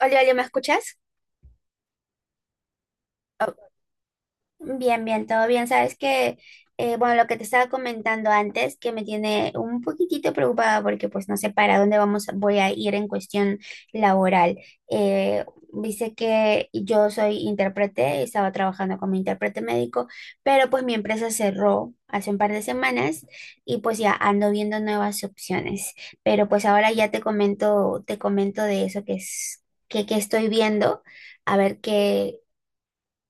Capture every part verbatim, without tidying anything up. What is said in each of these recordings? Hola, Olio, ¿me escuchas? Oh, bien, bien, todo bien. Sabes que, eh, bueno, lo que te estaba comentando antes, que me tiene un poquitito preocupada porque pues no sé para dónde vamos, voy a ir en cuestión laboral. Eh, dice que yo soy intérprete, estaba trabajando como intérprete médico, pero pues mi empresa cerró hace un par de semanas y pues ya ando viendo nuevas opciones. Pero pues ahora ya te comento, te comento de eso que es, que, que estoy viendo, a ver qué.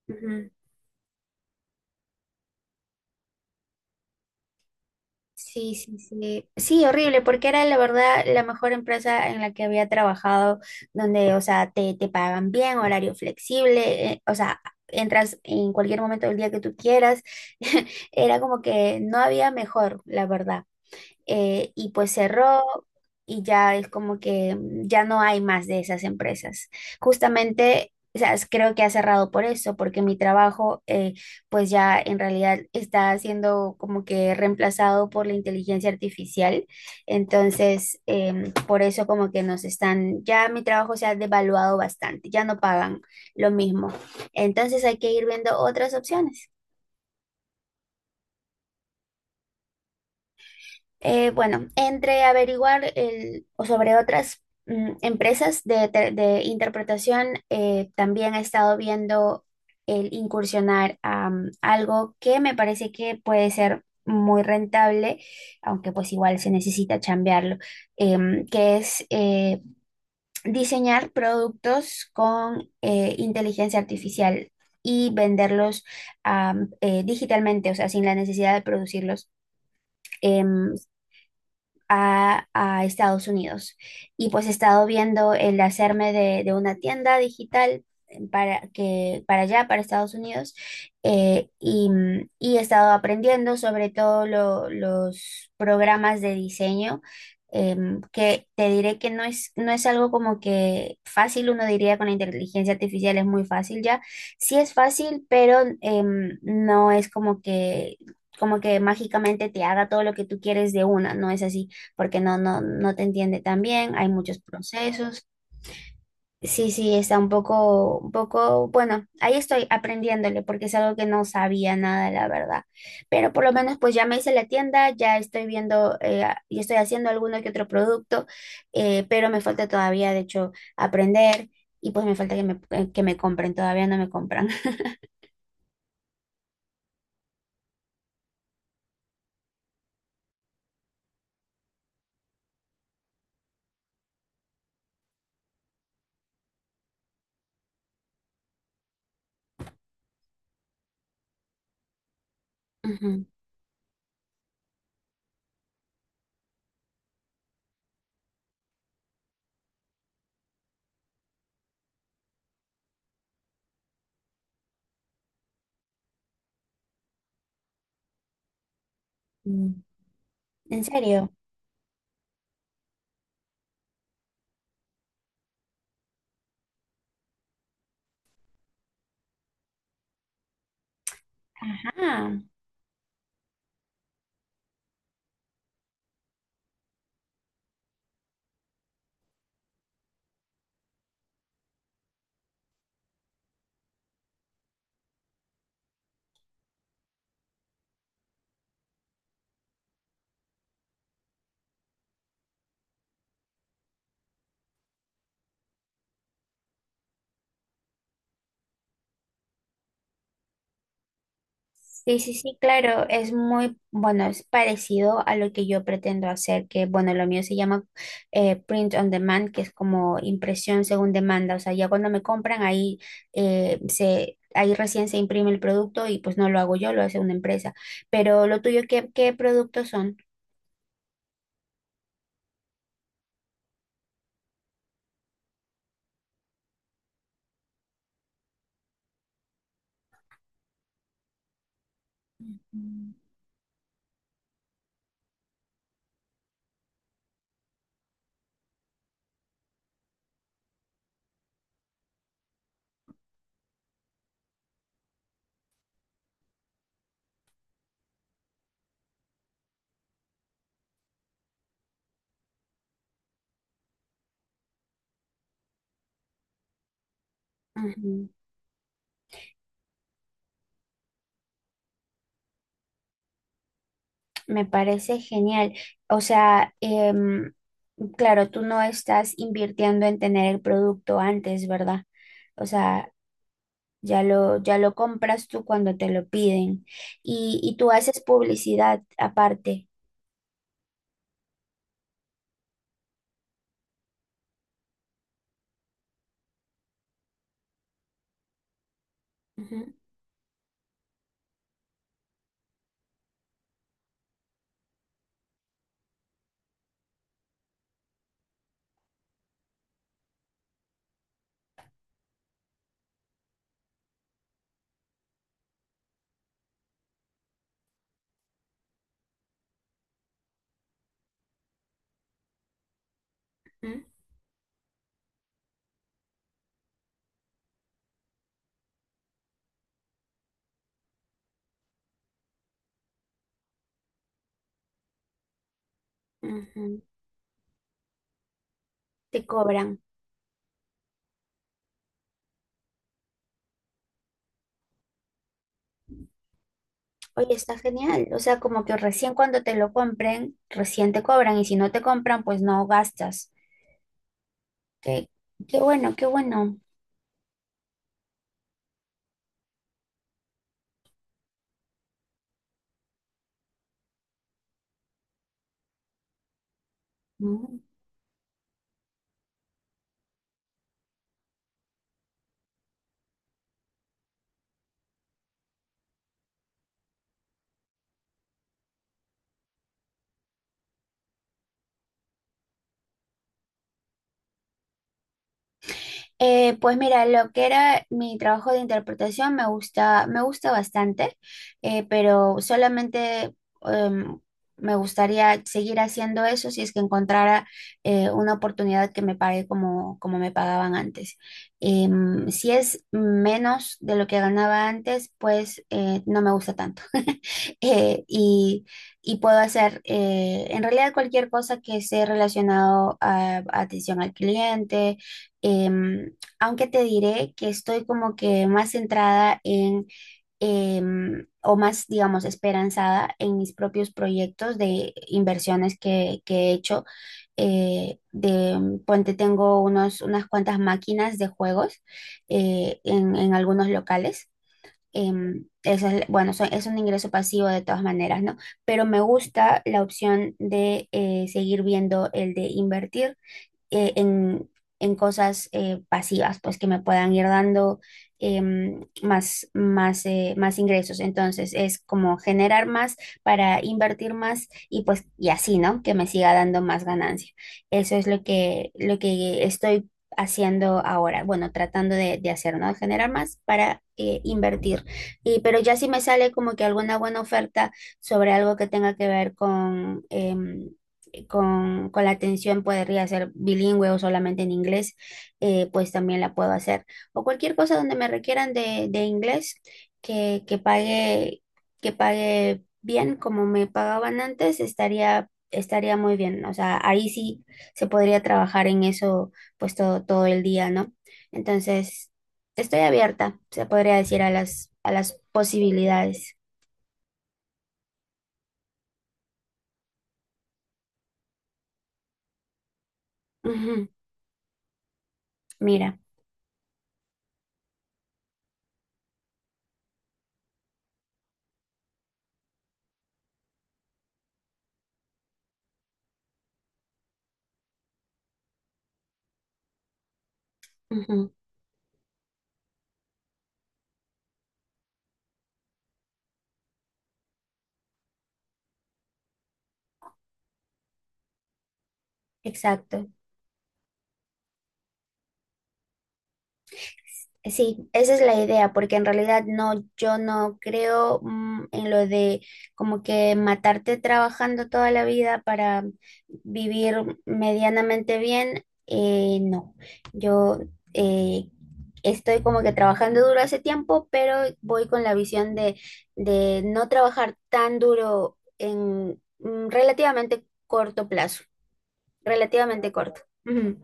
Ujú. Sí, sí, sí. Sí, horrible, porque era la verdad la mejor empresa en la que había trabajado, donde, o sea, te, te pagan bien, horario flexible, eh, o sea, entras en cualquier momento del día que tú quieras. Era como que no había mejor, la verdad. Eh, y pues cerró y ya es como que mm, ya no hay más de esas empresas. Justamente, o sea, es- creo que ha cerrado por eso, porque mi trabajo eh, pues ya en realidad está siendo como que reemplazado por la inteligencia artificial. Entonces, em, por eso como que nos están, ya mi trabajo se ha devaluado bastante, ya no pagan lo mismo. Entonces hay que ir viendo otras opciones. Eh, bueno, entre averiguar el- o sobre otras mm, empresas de, te- de interpretación, eh, también he estado viendo el incursionar a mm, algo que me parece que puede ser muy rentable, aunque pues igual se necesita chambearlo, em, que es eh, diseñar productos con eh, inteligencia artificial y venderlos am, eh, digitalmente, o sea, sin la necesidad de producirlos. em, a, a Estados Unidos. Y pues he estado viendo el hacerme de, de una tienda digital para, que, para allá, para Estados Unidos, eh, y, y he estado aprendiendo sobre todo lo- los programas de diseño. Em, que te diré que no es, no es algo como que fácil, uno diría con la inteligencia artificial es muy fácil ya, sí es fácil, pero em, no es como que, como que mágicamente te haga todo lo que tú quieres de una, no es así porque no, no, no te entiende tan bien, hay muchos procesos. Sí, sí, está un poco, un poco, bueno, ahí estoy aprendiéndole porque es algo que no sabía nada, la verdad. Pero por lo menos pues ya me hice la tienda, ya estoy viendo eh, a- y estoy haciendo alguno que otro producto, eh, pero me falta todavía, de hecho, aprender y pues me falta que me, eh, que me compren, todavía no me compran. Ujú. Mm. ¿En serio? Ajá. Sí, sí, sí, claro, es muy, bueno, es parecido a lo que yo pretendo hacer, que bueno, lo mío se llama eh, print on demand, que es como impresión según demanda, o sea, ya cuando me compran ahí eh, se, ahí recién se imprime el producto y pues no lo hago yo, lo hace una empresa. Pero lo tuyo, ¿qué, qué productos son? Ujú. Me parece genial. O sea, em, claro, tú no estás invirtiendo en tener el producto antes, ¿verdad? O sea, ya lo, ya lo compras tú cuando te lo piden. Y, y tú haces publicidad aparte. Ujú, ujú, ujú. Te cobran. Oye, está genial. O sea, como que recién cuando te lo compren, recién te cobran. Y si no te compran, pues no gastas. Qué, qué bueno, qué bueno. Eh, pues mira, lo que era mi trabajo de interpretación me gusta, me gusta bastante, eh, pero solamente em, me gustaría seguir haciendo eso si es que encontrara eh, una oportunidad que me pague como, como me pagaban antes. Em, si es menos de lo que ganaba antes, pues eh, no me gusta tanto. eh, y, y, puedo hacer eh, en realidad cualquier cosa que esté relacionado a, a atención al cliente, em, aunque te diré que estoy como que más centrada en, em, o más, digamos, esperanzada en mis propios proyectos de inversiones que, que he hecho. eh, de, ponte, tengo unos, unas cuantas máquinas de juegos eh, en, en algunos locales. em, esa es, bueno, so- es un ingreso pasivo de todas maneras, ¿no? Pero me gusta la opción de eh, seguir viendo el de invertir eh, en, en cosas eh, pasivas, pues que me puedan ir dando em, más, más, eh, más ingresos. Entonces es como generar más para invertir más y pues y así, ¿no? Que me siga dando más ganancia. Eso es lo que, lo que estoy haciendo ahora, bueno, tratando de, de hacer, ¿no? Generar más para eh, invertir. Y, pero ya si me sale como que alguna buena oferta sobre algo que tenga que ver con, em, eh, con, con la atención podría ser bilingüe o solamente en inglés, eh, pues también la puedo hacer. O cualquier cosa donde me requieran de, de inglés que, que pague, que pague bien como me pagaban antes, estaría, estaría muy bien. O sea, ahí sí se podría trabajar en eso pues todo, todo el día, ¿no? Entonces, estoy abierta, se podría decir, a las, a las posibilidades. Ujú. Mira, ujú, exacto. Sí, esa es la idea, porque en realidad no, yo no creo mm, en lo de como que matarte trabajando toda la vida para vivir medianamente bien. eh, no, yo eh, estoy como que trabajando duro hace tiempo, pero voy con la visión de, de no trabajar tan duro en mm, relativamente corto plazo, relativamente corto. Ujú,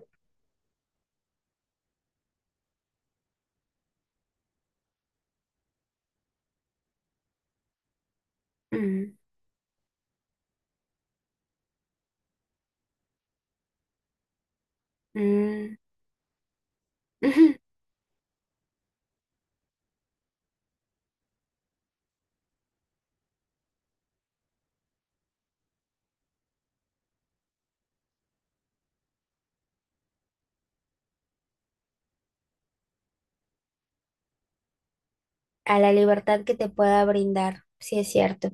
ujú, mm. A la libertad que te pueda brindar, sí es cierto,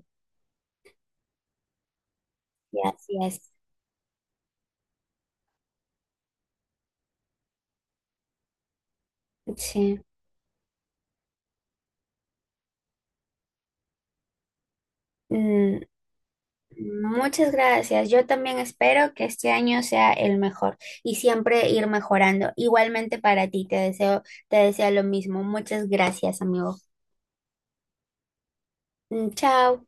y así es. Sí. Mm, muchas gracias. Yo también espero que este año sea el mejor y siempre ir mejorando. Igualmente para ti, te deseo, te deseo lo mismo. Muchas gracias, amigo. Mm, chao.